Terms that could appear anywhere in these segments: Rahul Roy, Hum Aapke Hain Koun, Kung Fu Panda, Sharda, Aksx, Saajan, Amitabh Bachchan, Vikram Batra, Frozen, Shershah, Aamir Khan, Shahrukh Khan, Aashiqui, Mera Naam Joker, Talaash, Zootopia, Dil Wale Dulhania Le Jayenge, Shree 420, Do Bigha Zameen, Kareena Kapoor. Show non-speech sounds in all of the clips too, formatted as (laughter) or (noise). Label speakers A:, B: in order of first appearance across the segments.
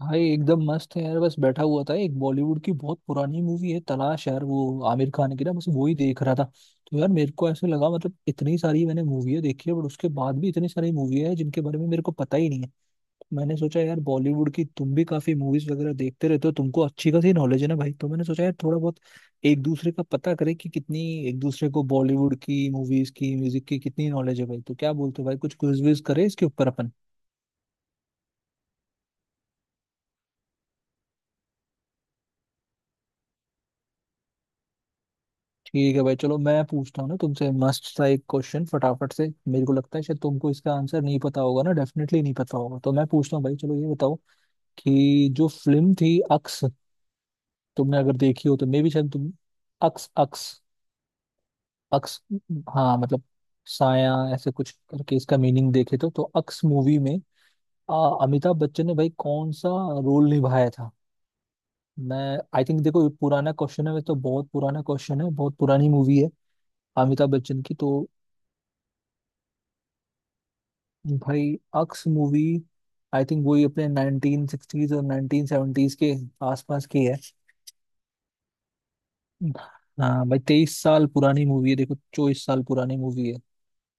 A: भाई एकदम मस्त है यार। बस बैठा हुआ था। एक बॉलीवुड की बहुत पुरानी मूवी है तलाश यार, वो आमिर खान की ना, बस वो ही देख रहा था। तो यार मेरे को ऐसे लगा, मतलब इतनी सारी मैंने मूवी देखी है बट उसके बाद भी इतनी सारी मूवी है जिनके बारे में मेरे को पता ही नहीं है। मैंने सोचा यार बॉलीवुड की तुम भी काफी मूवीज वगैरह देखते रहते हो, तुमको अच्छी खासी नॉलेज है ना भाई, तो मैंने सोचा यार थोड़ा बहुत एक दूसरे का पता करें कि कितनी एक दूसरे को बॉलीवुड की मूवीज की म्यूजिक की कितनी नॉलेज है भाई। तो क्या बोलते हो भाई, कुछ क्विज विज करें इसके ऊपर अपन। ठीक है भाई चलो मैं पूछता हूँ ना तुमसे मस्त सा एक क्वेश्चन फटाफट से। मेरे को लगता है शायद तुमको इसका आंसर नहीं पता होगा ना, डेफिनेटली नहीं पता होगा। तो मैं पूछता हूँ भाई, चलो ये बताओ कि जो फिल्म थी अक्स, तुमने अगर देखी हो तो मे भी शायद तुम। अक्स, अक्स, अक्स। हाँ मतलब साया ऐसे कुछ करके इसका मीनिंग देखे तो। तो अक्स मूवी में आ, अमिताभ बच्चन ने भाई कौन सा रोल निभाया था। मैं आई थिंक, देखो ये पुराना क्वेश्चन है, वैसे तो बहुत पुराना क्वेश्चन है, बहुत पुरानी मूवी है अमिताभ बच्चन की। तो भाई अक्स मूवी आई थिंक वही अपने 1960s और 1970s के आसपास की है। हाँ भाई 23 साल पुरानी मूवी है, देखो 24 साल पुरानी मूवी है।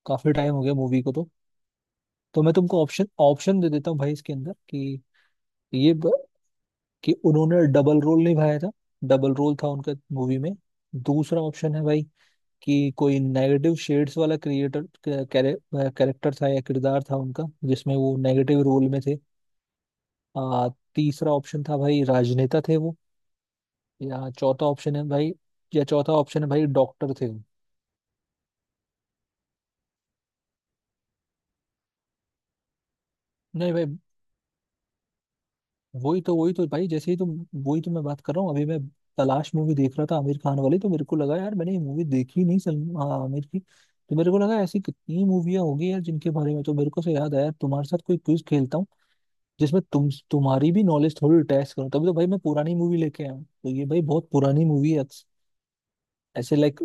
A: काफी टाइम हो गया मूवी को तो। तो मैं तुमको ऑप्शन ऑप्शन दे देता हूँ भाई इसके अंदर कि ये ब- कि उन्होंने डबल रोल निभाया था, डबल रोल था उनका मूवी में। दूसरा ऑप्शन है भाई कि कोई नेगेटिव शेड्स वाला क्रिएटर कैरेक्टर था या किरदार था उनका जिसमें वो नेगेटिव रोल में थे। आ, तीसरा ऑप्शन था भाई, राजनेता थे वो। या चौथा ऑप्शन है भाई या चौथा ऑप्शन है भाई डॉक्टर थे वो। नहीं भाई, वही तो भाई जैसे ही तो वही तो मैं बात कर रहा हूँ अभी। मैं तलाश मूवी देख रहा था आमिर खान वाली, तो मेरे को लगा यार मैंने ये मूवी देखी नहीं। सलम आमिर की, तो मेरे को लगा ऐसी कितनी मूवियाँ होगी यार जिनके बारे में। तो मेरे को से याद आया तुम्हारे साथ कोई क्विज खेलता हूँ जिसमें तुम्हारी भी नॉलेज थोड़ी टेस्ट करो। तभी तो भाई मैं पुरानी मूवी लेके आया हूँ, तो ये भाई बहुत पुरानी मूवी है। ऐसे लाइक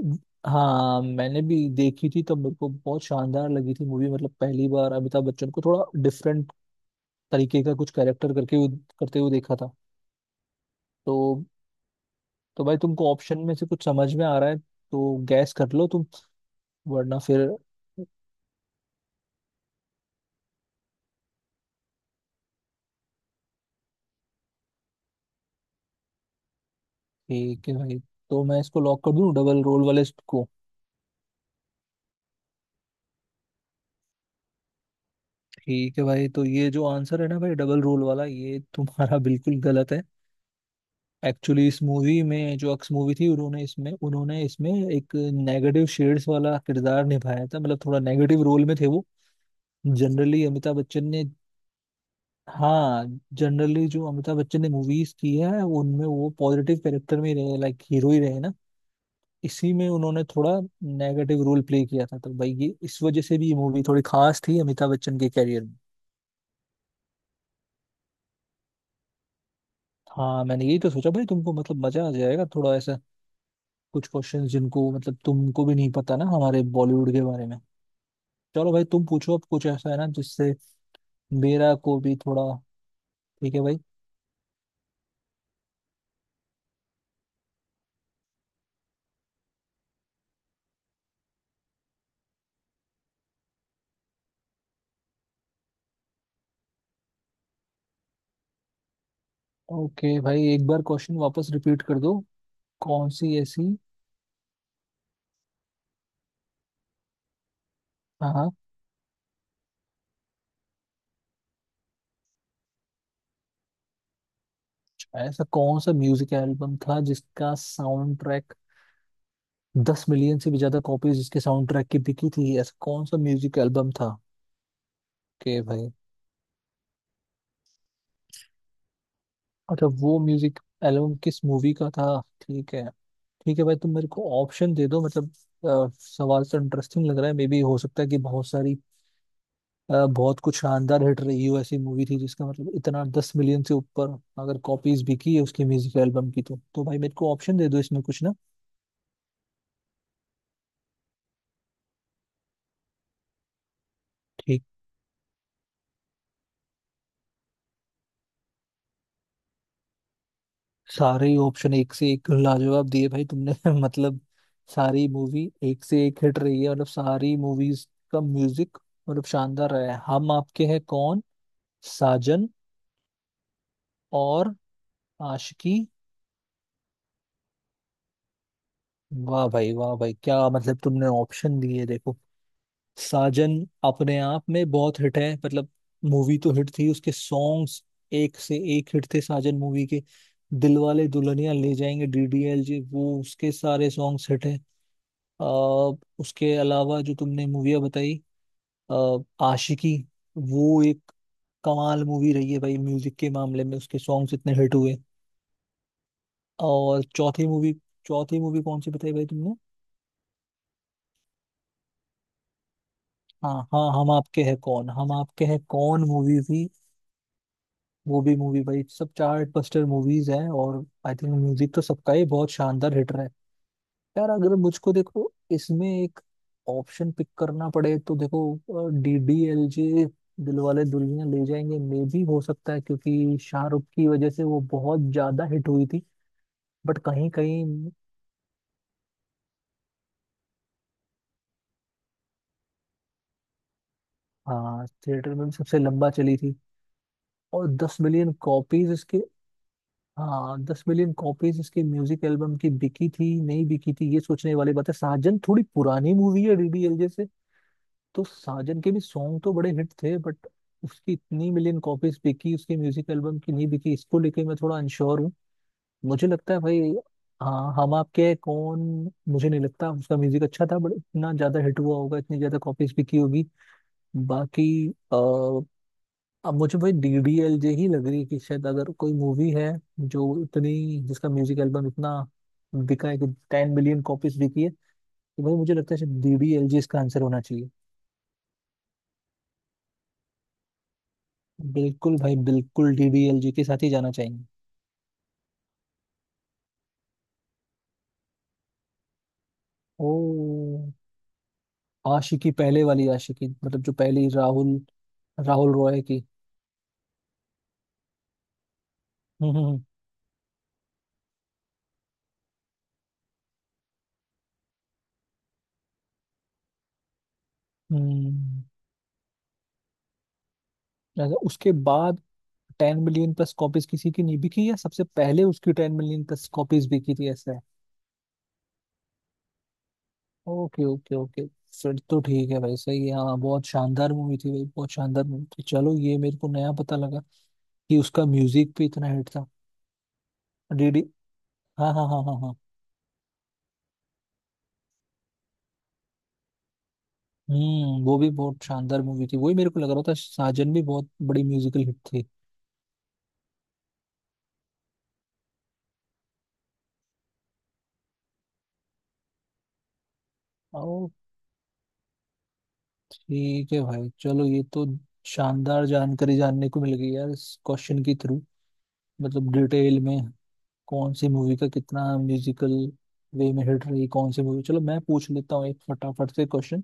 A: हाँ मैंने भी देखी थी, तो मेरे को बहुत शानदार लगी थी मूवी, मतलब पहली बार अमिताभ बच्चन को थोड़ा डिफरेंट तरीके का कुछ कैरेक्टर करते हुए देखा था। तो तो भाई तुमको ऑप्शन में से कुछ समझ में आ रहा है तो गैस कर लो तुम, वरना फिर। ठीक है भाई, तो मैं इसको लॉक कर दूं डबल रोल वाले को। ठीक है भाई, तो ये जो आंसर है ना भाई डबल रोल वाला ये तुम्हारा (laughs) बिल्कुल गलत है। एक्चुअली इस मूवी में जो अक्स मूवी थी उन्होंने इसमें एक नेगेटिव शेड्स वाला किरदार निभाया था, मतलब थोड़ा नेगेटिव रोल में थे वो जनरली। अमिताभ बच्चन ने हाँ जनरली जो अमिताभ बच्चन ने मूवीज की है उनमें वो पॉजिटिव कैरेक्टर में ही रहे, लाइक हीरो ही रहे ना। इसी में उन्होंने थोड़ा नेगेटिव रोल प्ले किया था, तो भाई ये इस वजह से भी ये मूवी थोड़ी खास थी अमिताभ बच्चन के कैरियर में। हाँ मैंने यही तो सोचा भाई, तुमको मतलब मजा आ जाएगा थोड़ा ऐसा कुछ क्वेश्चंस जिनको मतलब तुमको भी नहीं पता ना हमारे बॉलीवुड के बारे में। चलो भाई तुम पूछो अब कुछ ऐसा है ना जिससे मेरा को भी थोड़ा। ठीक है भाई। ओके भाई एक बार क्वेश्चन वापस रिपीट कर दो कौन सी ऐसी। हाँ हाँ, ऐसा कौन सा म्यूजिक एल्बम था जिसका साउंड ट्रैक 10 मिलियन से भी ज्यादा कॉपीज, जिसके साउंड ट्रैक की बिकी थी, ऐसा कौन सा म्यूजिक एल्बम था। ओके भाई, अच्छा वो म्यूजिक एल्बम किस मूवी का था। ठीक है। ठीक है भाई तुम मेरे को ऑप्शन दे दो, मतलब सवाल तो इंटरेस्टिंग लग रहा है, मे बी हो सकता है कि बहुत सारी बहुत कुछ शानदार हिट रही हो, ऐसी मूवी थी जिसका, मतलब इतना 10 मिलियन से ऊपर अगर कॉपीज भी की है उसकी म्यूजिक एल्बम की तो। तो भाई मेरे को ऑप्शन दे दो इसमें कुछ ना। ठीक। सारे ही ऑप्शन एक से एक लाजवाब दिए भाई तुमने (laughs) मतलब सारी मूवी एक से एक हिट रही है, मतलब सारी मूवीज का म्यूजिक मतलब शानदार रहा है। हम आपके हैं कौन, साजन, और आशिकी। वाह भाई क्या, मतलब तुमने ऑप्शन दिए, देखो साजन अपने आप में बहुत हिट है, मतलब मूवी तो हिट थी, उसके सॉन्ग्स एक से एक हिट थे साजन मूवी के। दिल वाले दुल्हनिया ले जाएंगे डीडीएल जी, वो उसके सारे सॉन्ग्स हिट है। उसके अलावा जो तुमने मूवियाँ बताई अ, आशिकी, वो एक कमाल मूवी रही है भाई म्यूजिक के मामले में, उसके सॉन्ग्स इतने हिट हुए। और चौथी मूवी, चौथी मूवी कौन सी बताई भाई तुमने। हाँ हाँ, हम आपके हैं कौन, हम आपके हैं कौन मूवी भी, वो भी मूवी भाई, सब चार्ट बस्टर मूवीज हैं और आई थिंक म्यूजिक तो सबका ही बहुत शानदार हिट रहा है। यार अगर मुझको देखो इसमें एक ऑप्शन पिक करना पड़े तो देखो D D L J, Dilwale Dulhania Le Jayenge मे भी हो सकता है क्योंकि शाहरुख की वजह से वो बहुत ज्यादा हिट हुई थी, बट कहीं कहीं। हाँ थिएटर में भी सबसे लंबा चली थी। और 10 मिलियन कॉपीज इसके। हाँ दस मिलियन कॉपीज इसकी म्यूजिक एल्बम की बिकी थी नहीं बिकी थी, ये सोचने वाली बात है। साजन थोड़ी पुरानी मूवी है डीडीएलजे से, तो साजन के भी सॉन्ग तो बड़े हिट थे, बट उसकी इतनी मिलियन कॉपीज बिकी उसकी म्यूजिक एल्बम की नहीं बिकी, इसको लेके मैं थोड़ा अनश्योर हूँ। मुझे लगता है भाई हाँ, हम आपके हैं कौन, मुझे नहीं लगता उसका म्यूजिक अच्छा था बट इतना ज्यादा हिट हुआ होगा, इतनी ज्यादा कॉपीज बिकी होगी। बाकी अब मुझे भाई डी डी एल जे ही लग रही है कि शायद, अगर कोई मूवी है जो इतनी जिसका म्यूजिक एल्बम इतना बिका है कि 10 मिलियन कॉपीज बिकी है, तो भाई मुझे लगता है शायद डी डी एल जे इसका आंसर होना चाहिए। बिल्कुल भाई, बिल्कुल डी डी एल जे के साथ ही जाना चाहिए। ओ। आशिकी, पहले वाली आशिकी, मतलब जो पहली राहुल राहुल रॉय की। हम्म। हम्म। अगर उसके बाद 10 मिलियन प्लस कॉपीज किसी की नहीं बिकी, या सबसे पहले उसकी 10 मिलियन प्लस कॉपीज बिकी थी ऐसा। ओके ओके ओके, फिर तो ठीक है भाई सही है। हाँ बहुत शानदार मूवी थी भाई, बहुत शानदार मूवी थी, चलो ये मेरे को नया पता लगा कि उसका म्यूजिक भी इतना हिट था। डीडी, हाँ हाँ हाँ हाँ हाँ। वो भी बहुत शानदार मूवी थी, वही मेरे को लग रहा था साजन भी बहुत बड़ी म्यूजिकल हिट थी। ओ ठीक है भाई चलो, ये तो शानदार जानकारी जानने को मिल गई यार इस क्वेश्चन के थ्रू, मतलब डिटेल में कौन सी मूवी का कितना म्यूजिकल वे में हिट रही कौन सी मूवी। चलो मैं पूछ लेता हूँ एक फटाफट से क्वेश्चन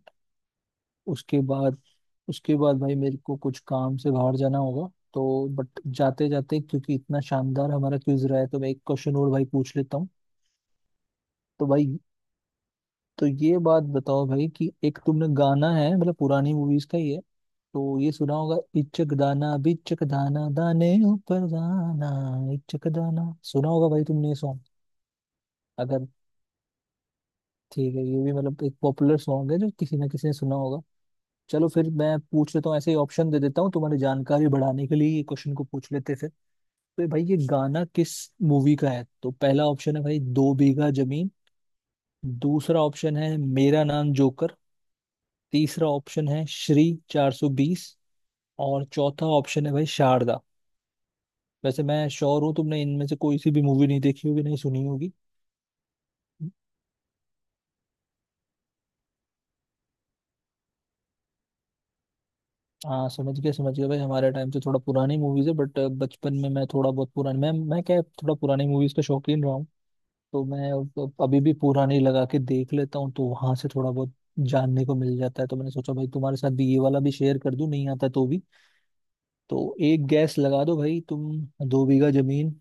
A: उसके बाद, भाई मेरे को कुछ काम से बाहर जाना होगा तो। बट जाते जाते क्योंकि इतना शानदार हमारा क्विज रहा है तो मैं एक क्वेश्चन और भाई पूछ लेता हूँ। तो भाई, तो ये बात बताओ भाई कि एक तुमने गाना है मतलब पुरानी मूवीज का ही है, तो ये सुना होगा इचक दाना बिचक दाना दाने ऊपर दाना, इचक दाना सुना होगा भाई तुमने ये सॉन्ग। अगर। ठीक है, ये भी मतलब एक पॉपुलर सॉन्ग है जो किसी ना किसी ने सुना होगा। चलो फिर मैं पूछ लेता हूँ ऐसे ही, ऑप्शन दे देता हूँ तुम्हारी जानकारी बढ़ाने के लिए, ये क्वेश्चन को पूछ लेते हैं फिर। तो भाई ये गाना किस मूवी का है, तो पहला ऑप्शन है भाई दो बीघा जमीन, दूसरा ऑप्शन है मेरा नाम जोकर, तीसरा ऑप्शन है श्री 420, और चौथा ऑप्शन है भाई शारदा। वैसे मैं श्योर हूँ तुमने इनमें से कोई सी भी मूवी नहीं देखी होगी नहीं सुनी होगी। हाँ समझ गया भाई, हमारे टाइम से थोड़ा पुरानी मूवीज है बट बचपन में मैं थोड़ा बहुत पुरानी मैं क्या, थोड़ा पुरानी मूवीज का शौकीन रहा हूँ। तो मैं अभी भी पूरा नहीं लगा के देख लेता हूँ, तो वहां से थोड़ा बहुत जानने को मिल जाता है। तो मैंने सोचा भाई तुम्हारे साथ भी ये वाला भी शेयर कर दूं नहीं आता तो भी। तो एक गैस लगा दो भाई तुम दो बीघा जमीन।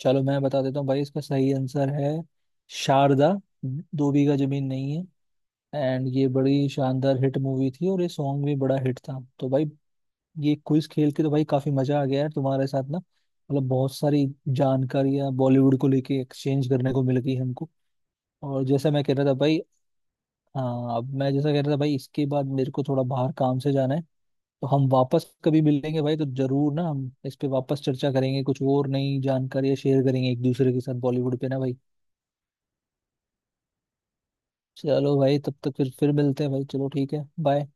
A: चलो मैं बता देता हूँ भाई इसका सही आंसर है शारदा, दो बीघा जमीन नहीं है। एंड ये बड़ी शानदार हिट मूवी थी और ये सॉन्ग भी बड़ा हिट था। तो भाई ये क्विज खेल के तो भाई काफी मजा आ गया है तुम्हारे साथ ना, मतलब बहुत सारी जानकारियां बॉलीवुड को लेके एक्सचेंज करने को मिल गई हमको। और जैसे मैं कह रहा था भाई, हाँ अब मैं जैसा कह रहा था भाई इसके बाद मेरे को थोड़ा बाहर काम से जाना है। तो हम वापस कभी मिलेंगे भाई, तो जरूर ना हम इस पे वापस चर्चा करेंगे, कुछ और नई जानकारियां शेयर करेंगे एक दूसरे के साथ बॉलीवुड पे ना भाई। चलो भाई तब तक फिर मिलते हैं भाई। चलो ठीक है बाय।